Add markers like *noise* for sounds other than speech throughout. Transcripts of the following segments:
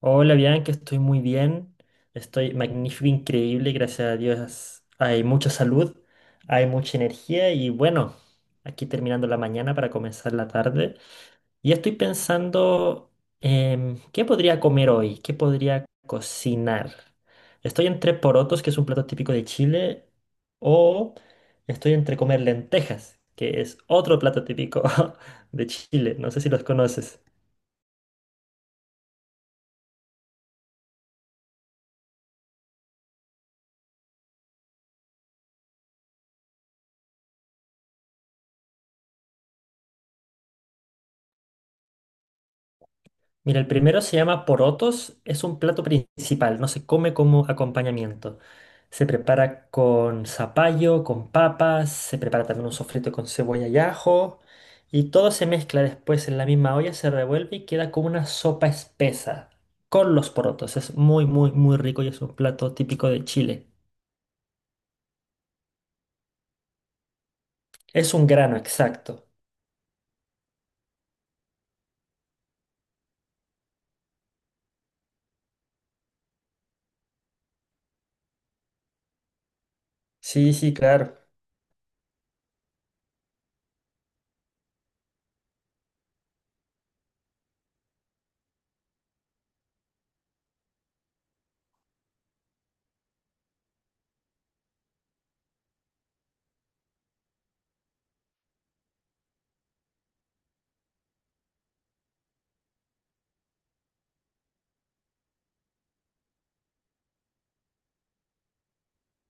Hola, Bianca, estoy muy bien. Estoy magnífico, increíble, gracias a Dios. Hay mucha salud, hay mucha energía y bueno, aquí terminando la mañana para comenzar la tarde. Y estoy pensando, ¿qué podría comer hoy? ¿Qué podría cocinar? Estoy entre porotos, que es un plato típico de Chile, o estoy entre comer lentejas, que es otro plato típico *laughs* de Chile. No sé si los conoces. Mira, el primero se llama porotos, es un plato principal, no se come como acompañamiento. Se prepara con zapallo, con papas, se prepara también un sofrito con cebolla y ajo, y todo se mezcla después en la misma olla, se revuelve y queda como una sopa espesa con los porotos. Es muy, muy, muy rico y es un plato típico de Chile. Es un grano, exacto. Sí, sí, claro.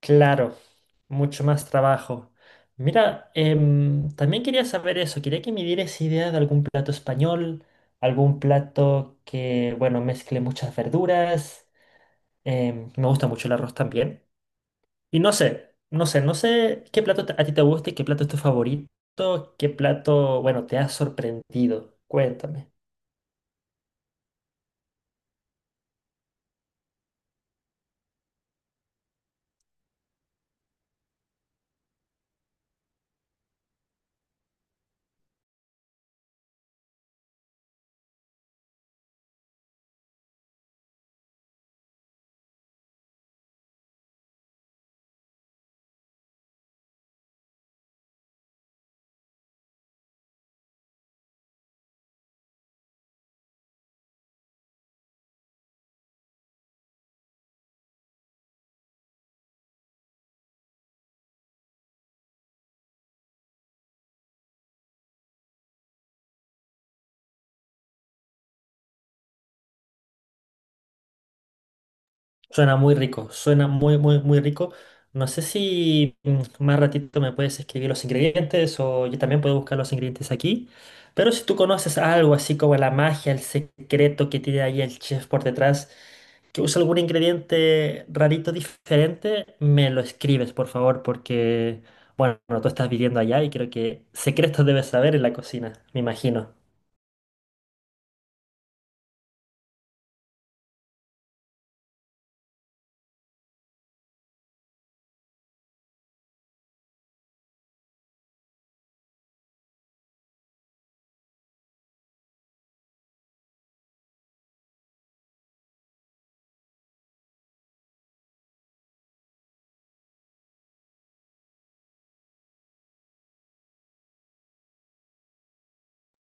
Claro, mucho más trabajo. Mira, también quería saber eso, quería que me dieras idea de algún plato español, algún plato que, bueno, mezcle muchas verduras. Me gusta mucho el arroz también. Y no sé qué plato a ti te gusta y qué plato es tu favorito, qué plato, bueno, te ha sorprendido. Cuéntame. Suena muy rico, suena muy, muy, muy rico. No sé si más ratito me puedes escribir los ingredientes o yo también puedo buscar los ingredientes aquí. Pero si tú conoces algo así como la magia, el secreto que tiene ahí el chef por detrás, que usa algún ingrediente rarito diferente, me lo escribes, por favor, porque, bueno, tú estás viviendo allá y creo que secretos debes saber en la cocina, me imagino.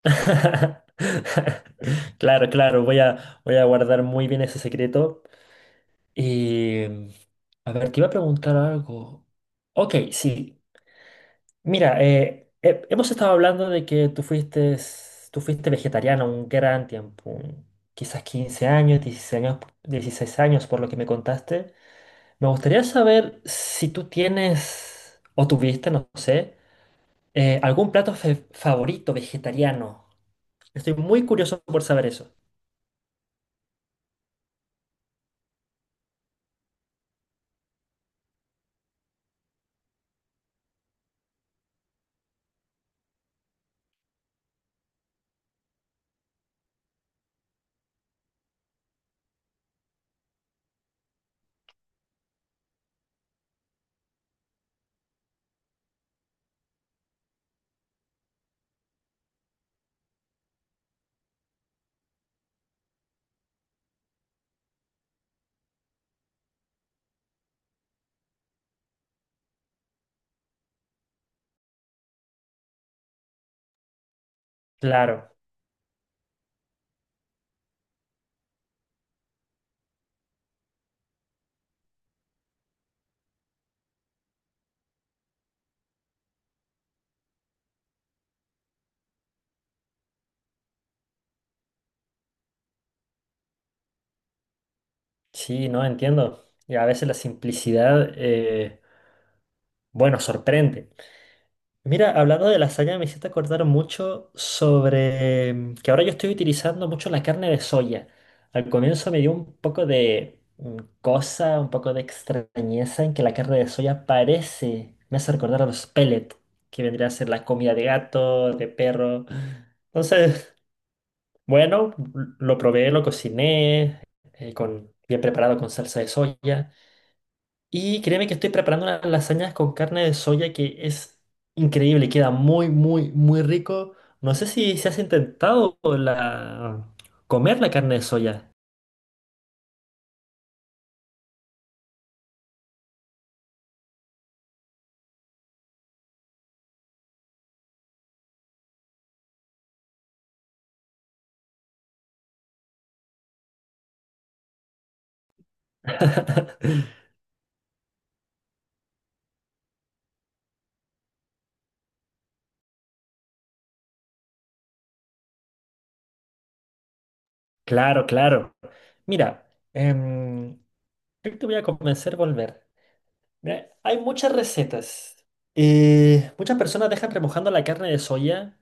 *laughs* Claro, claro, voy a guardar muy bien ese secreto. Y, a ver, te iba a preguntar algo. Ok, sí. Mira, hemos estado hablando de que tú fuiste vegetariano un gran tiempo, quizás 15 años, 16 años, por lo que me contaste. Me gustaría saber si tú tienes, o tuviste, no sé, algún plato favorito vegetariano. Estoy muy curioso por saber eso. Claro, sí, no entiendo. Y a veces la simplicidad, bueno, sorprende. Mira, hablando de lasaña, me hiciste acordar mucho sobre que ahora yo estoy utilizando mucho la carne de soya. Al comienzo me dio un poco de cosa, un poco de extrañeza en que la carne de soya parece, me hace recordar a los pellets, que vendría a ser la comida de gato, de perro. Entonces, bueno, lo probé, lo cociné, con, bien preparado con salsa de soya. Y créeme que estoy preparando unas lasañas con carne de soya que es increíble, queda muy, muy, muy rico. No sé si se has intentado comer la carne de soya. *laughs* Claro, claro. Mira, em, yo te voy a convencer volver. Mira, hay muchas recetas. Muchas personas dejan remojando la carne de soya.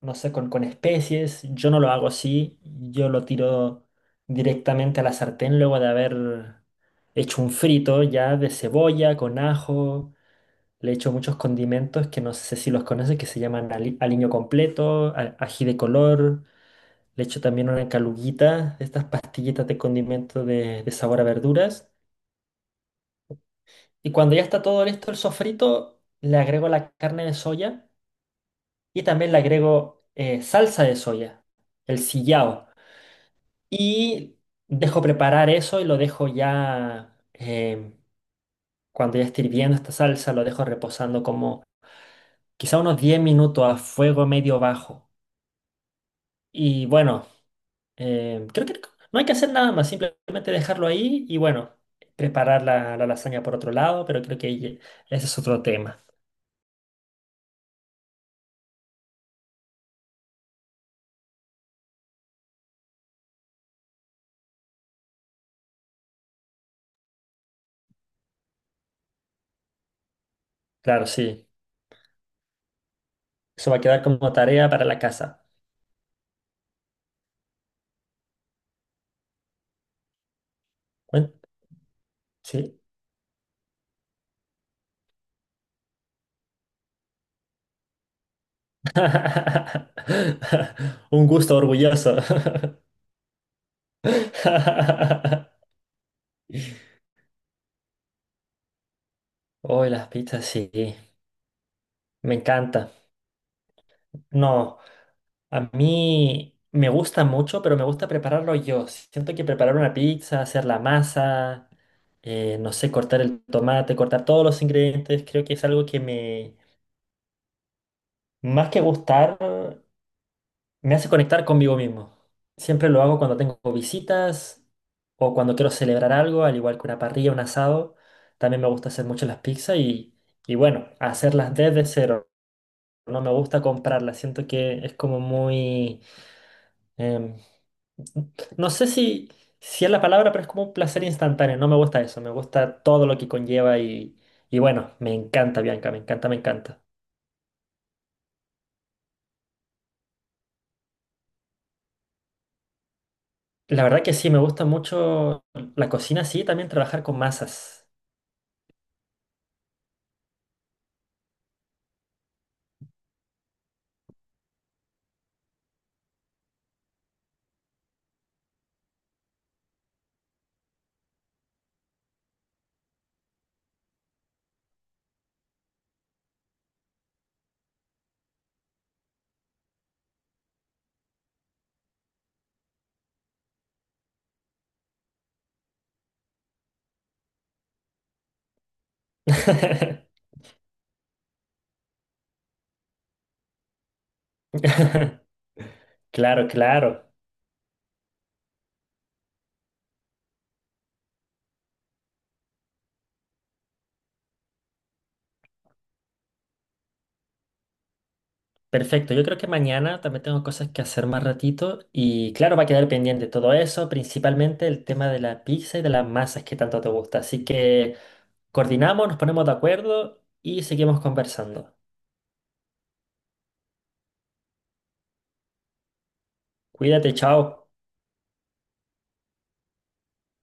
No sé, con especies. Yo no lo hago así, yo lo tiro directamente a la sartén luego de haber hecho un frito ya de cebolla, con ajo. Le echo muchos condimentos que no sé si los conoces, que se llaman aliño completo, ají de color. Le echo también una caluguita, de estas pastillitas de condimento de sabor a verduras. Y cuando ya está todo listo el sofrito, le agrego la carne de soya y también le agrego salsa de soya, el sillao. Y dejo preparar eso y lo dejo ya, cuando ya esté hirviendo esta salsa, lo dejo reposando como quizá unos 10 minutos a fuego medio bajo. Y bueno, creo que no hay que hacer nada más, simplemente dejarlo ahí y bueno, preparar la lasaña por otro lado, pero creo que ese es otro tema. Claro, sí. Eso va a quedar como tarea para la casa. Cuen- Sí. *laughs* Un gusto orgulloso. *laughs* Oh, las pizzas, sí, me encanta. No, a mí me gusta mucho, pero me gusta prepararlo yo. Siento que preparar una pizza, hacer la masa, no sé, cortar el tomate, cortar todos los ingredientes, creo que es algo que me, más que gustar, me hace conectar conmigo mismo. Siempre lo hago cuando tengo visitas o cuando quiero celebrar algo, al igual que una parrilla, un asado. También me gusta hacer mucho las pizzas y bueno, hacerlas desde cero. No me gusta comprarla, siento que es como muy... em, no sé si, si es la palabra, pero es como un placer instantáneo. No me gusta eso, me gusta todo lo que conlleva y bueno, me encanta Bianca, me encanta, me encanta. La verdad que sí, me gusta mucho la cocina, sí, también trabajar con masas. *laughs* Claro, claro. Perfecto, yo creo que mañana también tengo cosas que hacer más ratito y claro, va a quedar pendiente todo eso, principalmente el tema de la pizza y de las masas que tanto te gusta. Así que... Coordinamos, nos ponemos de acuerdo y seguimos conversando. Cuídate, chao.